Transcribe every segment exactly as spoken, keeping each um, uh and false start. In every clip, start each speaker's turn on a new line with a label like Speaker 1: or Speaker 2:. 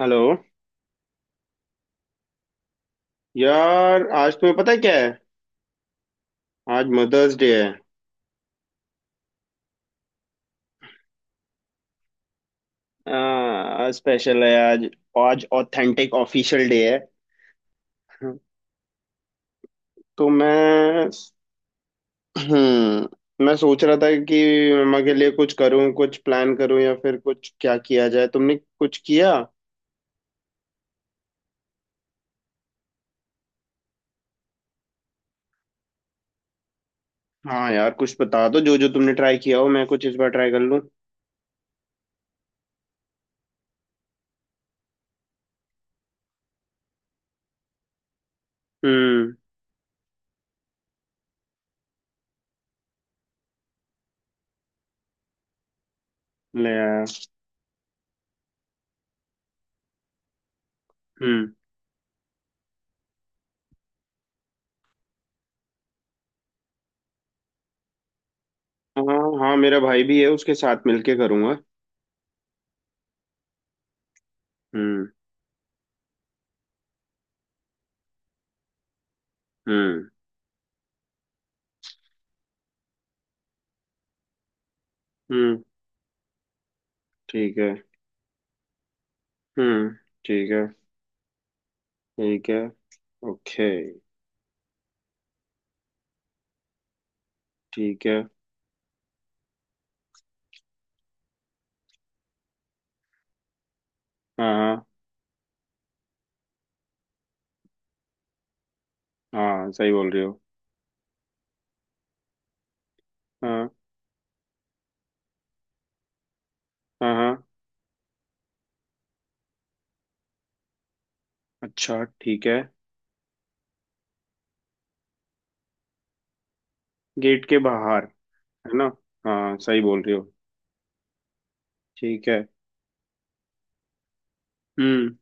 Speaker 1: Hello. यार, आज तुम्हें पता है क्या है? आज मदर्स डे है। आ, स्पेशल है आज। आज ऑथेंटिक ऑफिशियल डे है। तो मैं हम्म मैं सोच रहा था कि मम्मा के लिए कुछ करूं, कुछ प्लान करूं, या फिर कुछ क्या किया जाए? तुमने कुछ किया? हाँ यार, कुछ बता दो जो जो तुमने ट्राई किया हो, मैं कुछ इस बार ट्राई कर लूं। हम्म। ले आया। हम्म। हाँ। हाँ, मेरा भाई भी है, उसके साथ मिलके करूंगा। हम्म, हम्म, हम्म, ठीक है। हम्म, ठीक है। ठीक है। ओके। ठीक है। हाँ, हाँ, हाँ, सही बोल रही हो। हाँ, हाँ, हाँ। अच्छा, ठीक है। गेट के बाहर? है ना? हाँ, सही बोल रही हो। ठीक है। हम्म,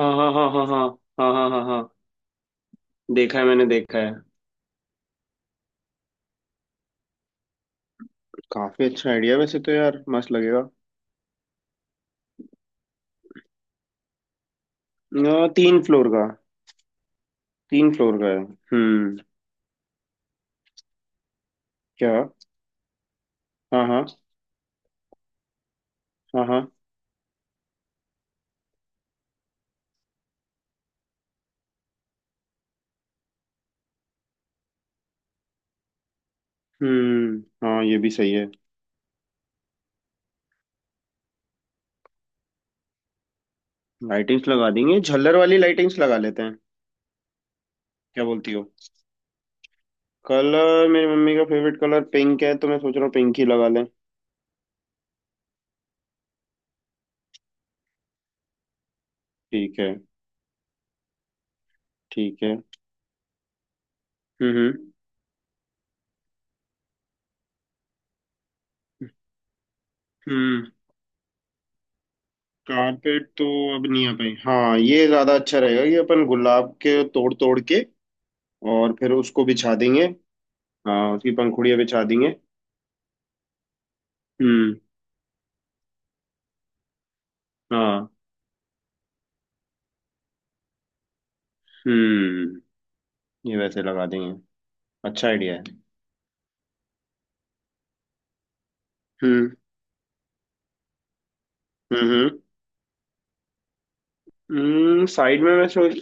Speaker 1: हाँ, हाँ, हाँ, हाँ, हाँ, हाँ, हाँ, हाँ, हाँ। देखा है, मैंने देखा है। काफी अच्छा आइडिया, वैसे तो यार मस्त लगेगा। अ, तीन फ्लोर का। तीन फ्लोर का है। हम्म। क्या? हाँ, हाँ, हाँ, हाँ। हम्म, हाँ, ये भी सही है। लाइटिंग्स लगा देंगे, झल्लर वाली लाइटिंग्स लगा लेते हैं। क्या बोलती हो। कलर मेरी मम्मी का फेवरेट कलर पिंक है, तो मैं सोच रहा हूँ पिंक ही लगा लें। ठीक है। ठीक है। हम्म। हम्म। कारपेट तो अब नहीं आ पाई। हाँ, ये ज्यादा अच्छा रहेगा कि अपन गुलाब के तोड़ तोड़ के और फिर उसको बिछा देंगे। हाँ, उसकी पंखुड़ियाँ बिछा देंगे। हम्म। हाँ। हम्म। ये वैसे लगा देंगे। अच्छा आइडिया है। हम्म हम्म हम्म साइड में मैं सोच।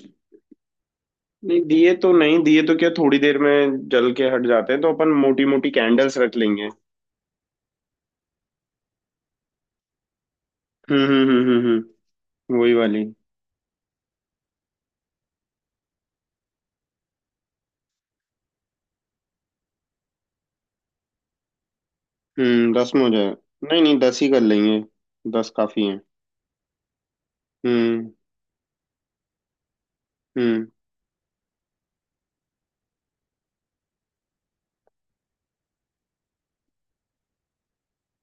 Speaker 1: नहीं, दिए तो नहीं, दिए तो क्या थोड़ी देर में जल के हट जाते हैं, तो अपन मोटी मोटी कैंडल्स रख लेंगे। हम्म, हम्म, हम्म, हम्म, हम्म, वही वाली। हम्म दस में हो जाए। नहीं नहीं, दस ही कर लेंगे। दस काफी है। हम्म, हम्म,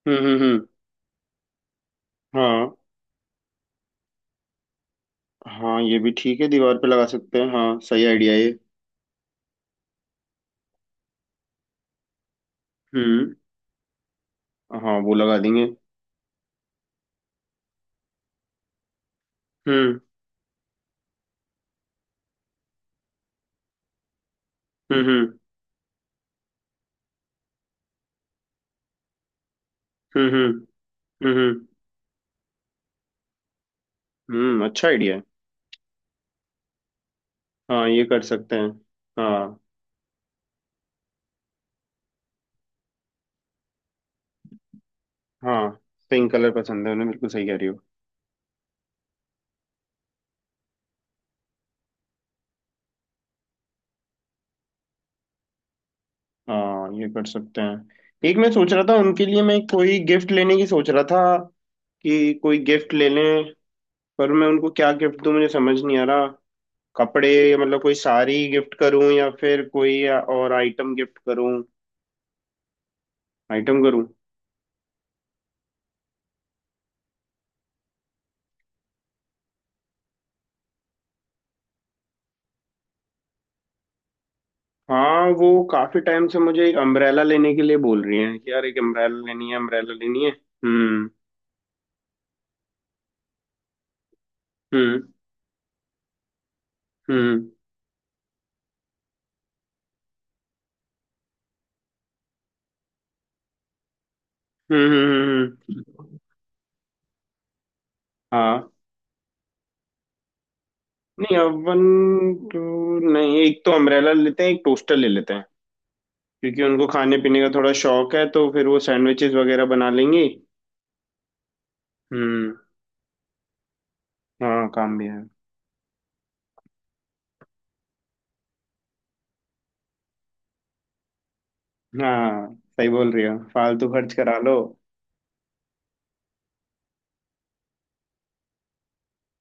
Speaker 1: हम्म, हम्म, हम्म, हाँ, हाँ, ये भी ठीक है, दीवार पे लगा सकते हैं, हाँ सही आइडिया है ये। हम्म। हाँ, वो लगा देंगे। हम्म, हम्म, हम्म, हम्म, हम्म, हम्म, हम्म, हम्म, अच्छा आइडिया है। हाँ, ये कर सकते हैं। हाँ। हाँ, पिंक कलर पसंद है उन्हें, बिल्कुल सही कह रही हो। हाँ, ये कर सकते हैं। एक मैं सोच रहा था उनके लिए, मैं कोई गिफ्ट लेने की सोच रहा था कि कोई गिफ्ट ले लें। पर मैं उनको क्या गिफ्ट दूं, मुझे समझ नहीं आ रहा। कपड़े? मतलब कोई साड़ी गिफ्ट करूं या फिर कोई और आइटम गिफ्ट करूं? आइटम करूं? हाँ, वो काफी टाइम से मुझे एक अम्ब्रेला लेने के लिए बोल रही हैं कि यार एक अम्ब्रेला लेनी है, अम्ब्रेला लेनी है। हम्म। हम्म। हम्म, हम्म, हम्म, हम्म, हम्म। हाँ। नहीं, अवन। टू। नहीं, एक तो अम्ब्रेला लेते हैं, एक टोस्टर ले लेते हैं। क्योंकि उनको खाने पीने का थोड़ा शौक है, तो फिर वो सैंडविचेस वगैरह बना लेंगी। हम्म। हाँ, काम भी है। हाँ, सही बोल रही हो, फालतू खर्च करा लो।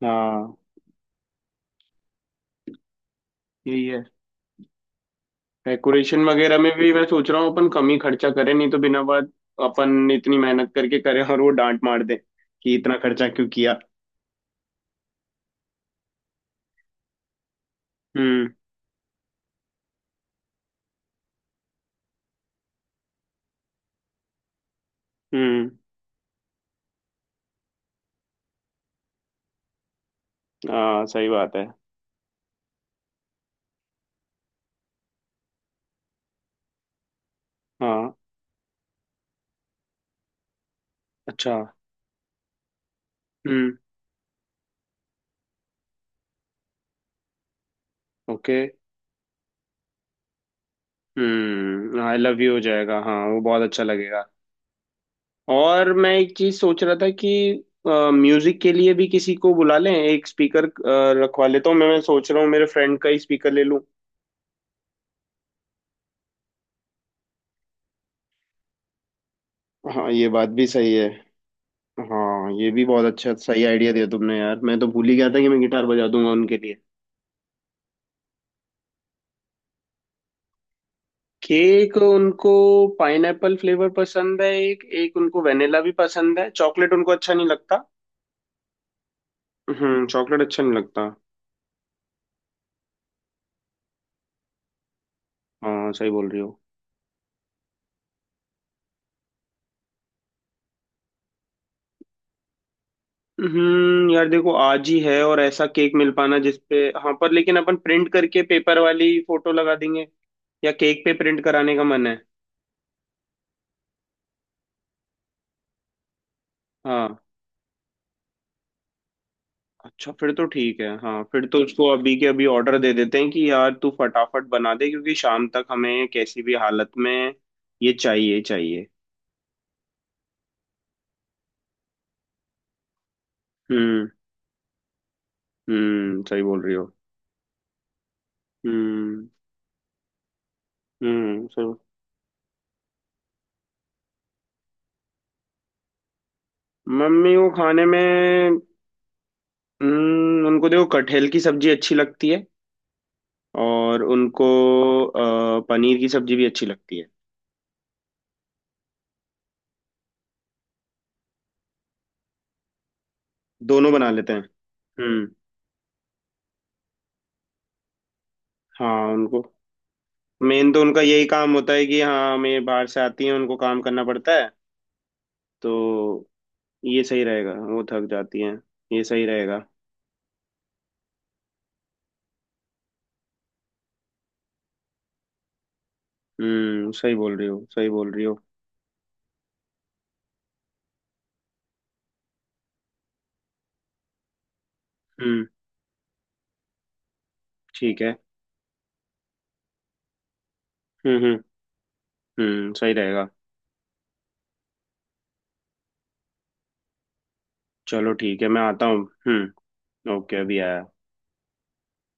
Speaker 1: हाँ। यही है। डेकोरेशन वगैरह में भी मैं सोच रहा हूँ अपन कम ही खर्चा करें, नहीं तो बिना बात अपन इतनी मेहनत करके करें और वो डांट मार दे कि इतना खर्चा क्यों किया। हम्म। हम्म। हाँ, सही बात है। हाँ। अच्छा। हम्म। ओके। हम्म आई लव यू हो जाएगा, हाँ वो बहुत अच्छा लगेगा। और मैं एक चीज सोच रहा था कि म्यूजिक के लिए भी किसी को बुला लें, एक स्पीकर रखवा लेता हूँ, मैं मैं सोच रहा हूँ मेरे फ्रेंड का ही स्पीकर ले लूँ। हाँ, ये बात भी सही है। हाँ, ये भी बहुत अच्छा, सही आइडिया दिया तुमने यार, मैं तो भूल ही गया था कि मैं गिटार बजा दूंगा उनके लिए। केक उनको पाइनएप्पल फ्लेवर पसंद है, एक एक उनको वेनिला भी पसंद है, चॉकलेट उनको अच्छा नहीं लगता। हम्म चॉकलेट अच्छा नहीं लगता। हाँ, सही बोल रही हो। हम्म यार देखो आज ही है और ऐसा केक मिल पाना जिसपे। हाँ, पर लेकिन अपन प्रिंट करके पेपर वाली फोटो लगा देंगे या केक पे प्रिंट कराने का मन है। हाँ। अच्छा, फिर तो ठीक है, हाँ फिर तो उसको अभी के अभी ऑर्डर दे देते हैं कि यार तू फटाफट बना दे क्योंकि शाम तक हमें कैसी भी हालत में ये चाहिए, चाहिए। हम्म, हम्म, सही बोल रही हो। हम्म, हम्म, सही। मम्मी को खाने में हम्म उनको देखो कटहल की सब्जी अच्छी लगती है। और उनको अ, पनीर की सब्जी भी अच्छी लगती है। दोनों बना लेते हैं। हम्म। हाँ, उनको मेन तो उनका यही काम होता है कि हाँ हमें बाहर से आती हैं उनको काम करना पड़ता है, तो ये सही रहेगा, वो थक जाती हैं। ये सही रहेगा। हम्म सही बोल रही हो, सही बोल रही हो। हम्म। ठीक है। हम्म, हम्म, हम्म सही रहेगा। चलो ठीक है, मैं आता हूँ। हम्म। ओके, अभी आया।